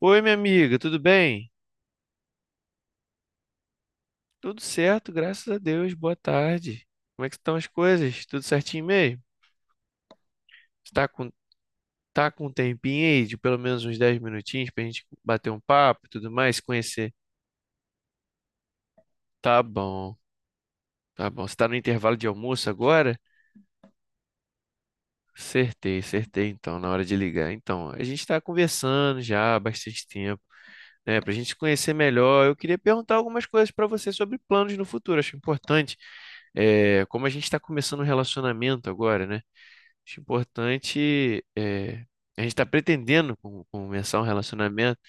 Oi, minha amiga, tudo bem? Tudo certo, graças a Deus. Boa tarde. Como é que estão as coisas? Tudo certinho mesmo? Você tá com, tá com um tempinho aí de pelo menos uns 10 minutinhos pra gente bater um papo e tudo mais, se conhecer? Tá bom, tá bom. Você tá no intervalo de almoço agora? Acertei, acertei então, na hora de ligar. Então, a gente tá conversando já há bastante tempo, né? Pra gente se conhecer melhor, eu queria perguntar algumas coisas pra você sobre planos no futuro. Acho importante, como a gente está começando um relacionamento agora, né? Acho importante. A gente está pretendendo começar um relacionamento.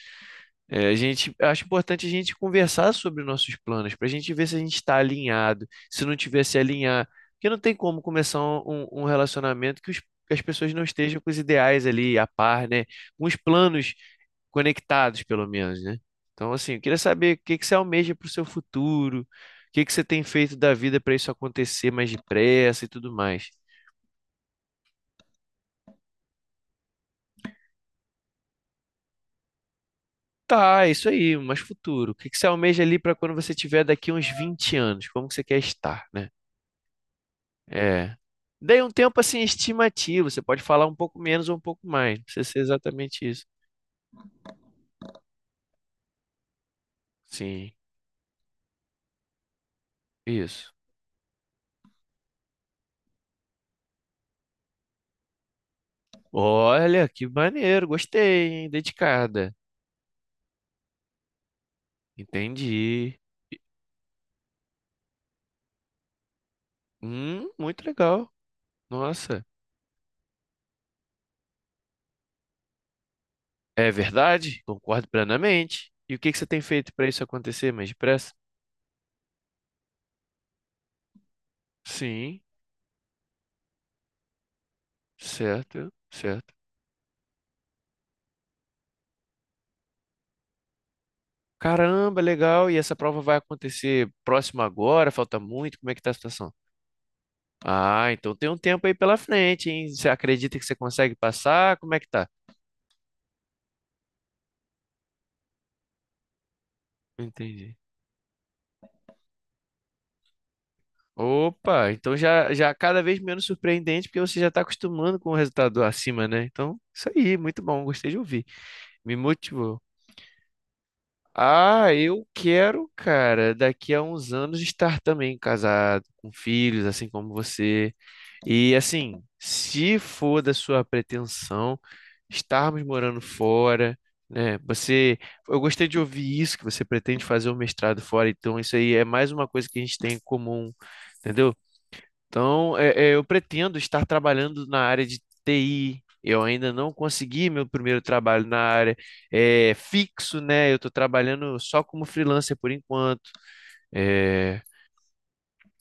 A gente acho importante a gente conversar sobre nossos planos, para a gente ver se a gente está alinhado, se não tiver se alinhar. Porque não tem como começar um relacionamento que as pessoas não estejam com os ideais ali a par, né? Com os planos conectados, pelo menos, né? Então, assim, eu queria saber o que que você almeja para o seu futuro, o que que você tem feito da vida para isso acontecer mais depressa e tudo mais. Tá, é isso aí, mas futuro. O que que você almeja ali para quando você tiver daqui uns 20 anos? Como que você quer estar, né? É. Dei um tempo assim estimativo, você pode falar um pouco menos ou um pouco mais, não precisa ser exatamente isso. Sim, isso. Olha, que maneiro, gostei, hein? Dedicada. Entendi. Muito legal. Nossa, é verdade? Concordo plenamente. E o que que você tem feito para isso acontecer mais depressa? Sim, certo, certo. Caramba, legal. E essa prova vai acontecer próxima agora? Falta muito? Como é que tá a situação? Ah, então tem um tempo aí pela frente, hein? Você acredita que você consegue passar? Como é que tá? Entendi. Opa, então já já cada vez menos surpreendente porque você já está acostumando com o resultado acima, né? Então, isso aí, muito bom, gostei de ouvir. Me motivou. Ah, eu quero, cara, daqui a uns anos estar também casado, com filhos, assim como você. E assim, se for da sua pretensão estarmos morando fora, né? Eu gostei de ouvir isso, que você pretende fazer um mestrado fora, então isso aí é mais uma coisa que a gente tem em comum, entendeu? Então, eu pretendo estar trabalhando na área de TI. Eu ainda não consegui meu primeiro trabalho na área fixo, né? Eu estou trabalhando só como freelancer por enquanto. é,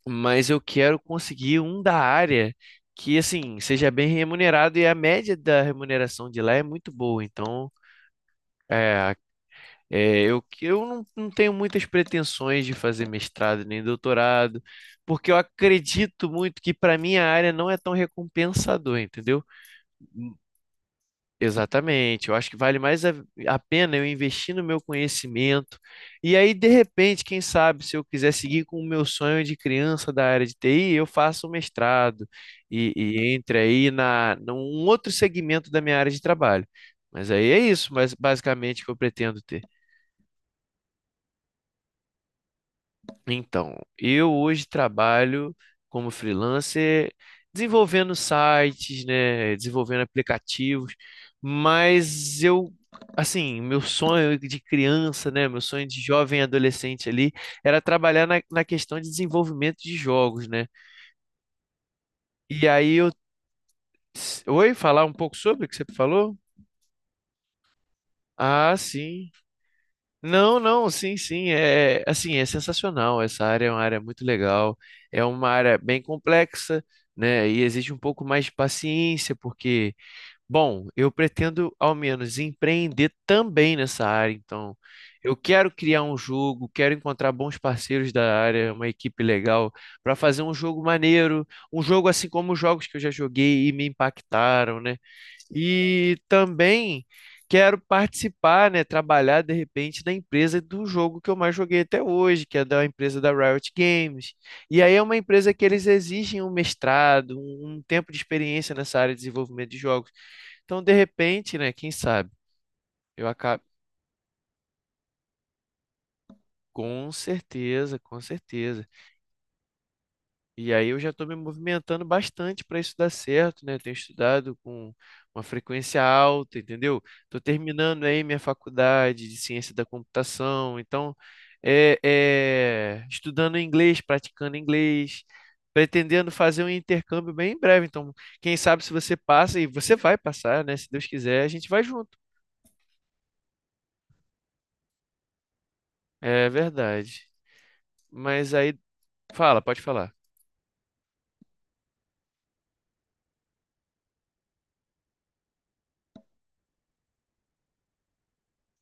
mas eu quero conseguir um da área que, assim, seja bem remunerado e a média da remuneração de lá é muito boa. Então, é, eu não, não tenho muitas pretensões de fazer mestrado nem doutorado, porque eu acredito muito que para minha área não é tão recompensador, entendeu? Exatamente, eu acho que vale mais a pena eu investir no meu conhecimento. E aí, de repente, quem sabe, se eu quiser seguir com o meu sonho de criança da área de TI, eu faço um mestrado e entre aí num outro segmento da minha área de trabalho. Mas aí é isso, mas basicamente que eu pretendo ter. Então, eu hoje trabalho como freelancer desenvolvendo sites, né, desenvolvendo aplicativos, mas eu, assim, meu sonho de criança, né, meu sonho de jovem adolescente ali era trabalhar na questão de desenvolvimento de jogos, né? E aí eu, oi, falar um pouco sobre o que você falou? Ah, sim. Não, não, sim, sim, é assim, é sensacional. Essa área é uma área muito legal, é uma área bem complexa, né? E exige um pouco mais de paciência, porque, bom, eu pretendo ao menos empreender também nessa área, então eu quero criar um jogo, quero encontrar bons parceiros da área, uma equipe legal para fazer um jogo maneiro, um jogo assim como os jogos que eu já joguei e me impactaram, né? E também quero participar, né, trabalhar de repente na empresa do jogo que eu mais joguei até hoje, que é da empresa da Riot Games. E aí é uma empresa que eles exigem um mestrado, um tempo de experiência nessa área de desenvolvimento de jogos. Então, de repente, né, quem sabe, eu acabo com certeza, com certeza. E aí eu já estou me movimentando bastante para isso dar certo, né? Tenho estudado com uma frequência alta, entendeu? Estou terminando aí minha faculdade de ciência da computação, então estudando inglês, praticando inglês, pretendendo fazer um intercâmbio bem em breve. Então, quem sabe se você passa e você vai passar, né? Se Deus quiser, a gente vai junto. É verdade. Mas aí, fala, pode falar.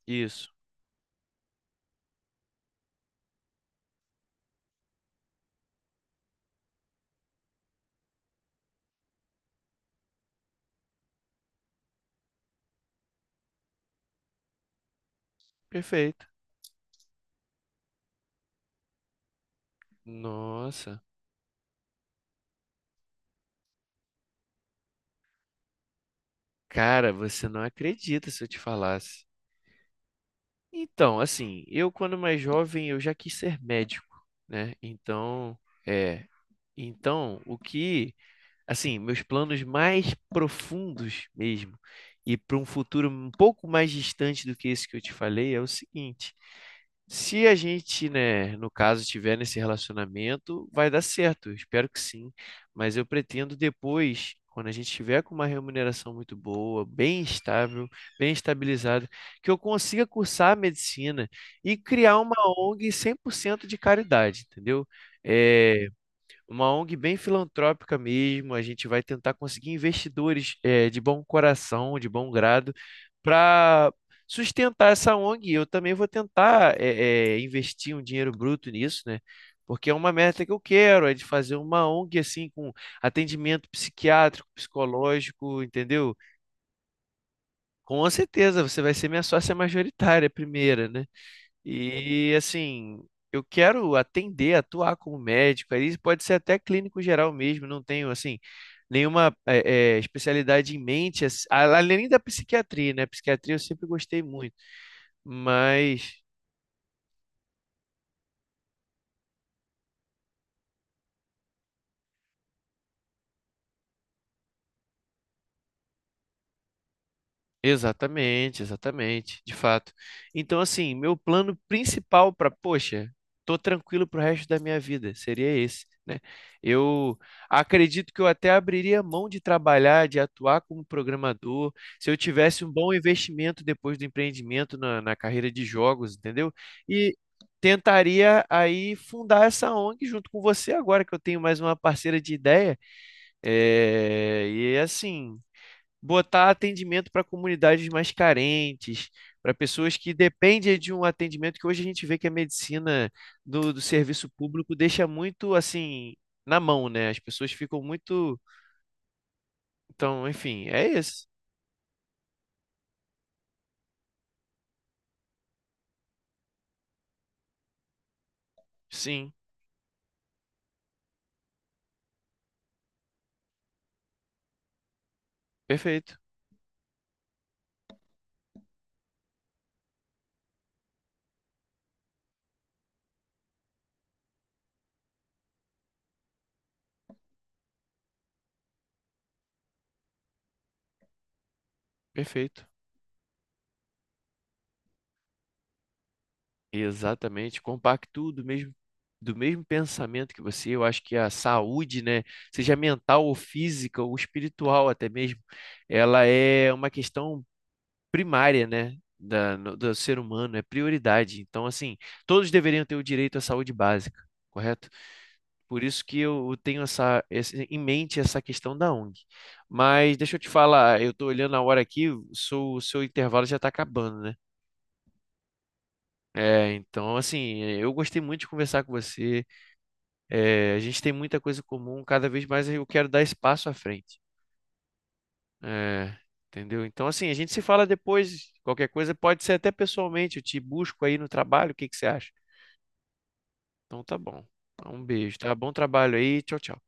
Isso. Perfeito. Nossa. Cara, você não acredita se eu te falasse. Então, assim, eu quando mais jovem eu já quis ser médico, né? Então, é, então o que, assim, meus planos mais profundos mesmo e para um futuro um pouco mais distante do que esse que eu te falei é o seguinte. Se a gente, né, no caso, estiver nesse relacionamento, vai dar certo, eu espero que sim. Mas eu pretendo depois, quando a gente estiver com uma remuneração muito boa, bem estável, bem estabilizada, que eu consiga cursar a medicina e criar uma ONG 100% de caridade, entendeu? É, uma ONG bem filantrópica mesmo, a gente vai tentar conseguir investidores de bom coração, de bom grado, para sustentar essa ONG. Eu também vou tentar investir um dinheiro bruto nisso, né? Porque é uma meta que eu quero, é de fazer uma ONG assim com atendimento psiquiátrico, psicológico, entendeu? Com certeza você vai ser minha sócia majoritária primeira, né? E assim, eu quero atender, atuar como médico, aí pode ser até clínico geral mesmo, não tenho assim nenhuma especialidade em mente, além da psiquiatria, né? Psiquiatria eu sempre gostei muito, mas exatamente, exatamente, de fato. Então, assim, meu plano principal para, poxa, tô tranquilo pro resto da minha vida, seria esse, né? Eu acredito que eu até abriria mão de trabalhar, de atuar como programador, se eu tivesse um bom investimento depois do empreendimento na carreira de jogos, entendeu? E tentaria aí fundar essa ONG junto com você agora que eu tenho mais uma parceira de ideia. É, e assim botar atendimento para comunidades mais carentes, para pessoas que dependem de um atendimento que hoje a gente vê que a medicina do serviço público deixa muito assim na mão, né? As pessoas ficam muito. Então, enfim, é isso. Sim, perfeito, perfeito. Exatamente, compacto do mesmo pensamento que você, eu acho que a saúde, né, seja mental ou física ou espiritual até mesmo, ela é uma questão primária, né, da, no- do ser humano, é prioridade. Então, assim, todos deveriam ter o direito à saúde básica, correto? Por isso que eu tenho em mente essa questão da ONG. Mas deixa eu te falar, eu estou olhando a hora aqui, o seu intervalo já está acabando, né? É, então, assim, eu gostei muito de conversar com você. É, a gente tem muita coisa em comum, cada vez mais eu quero dar espaço à frente. É, entendeu? Então, assim, a gente se fala depois, qualquer coisa, pode ser até pessoalmente, eu te busco aí no trabalho, o que que você acha? Então tá bom. Então, um beijo, tá? Bom trabalho aí, tchau, tchau.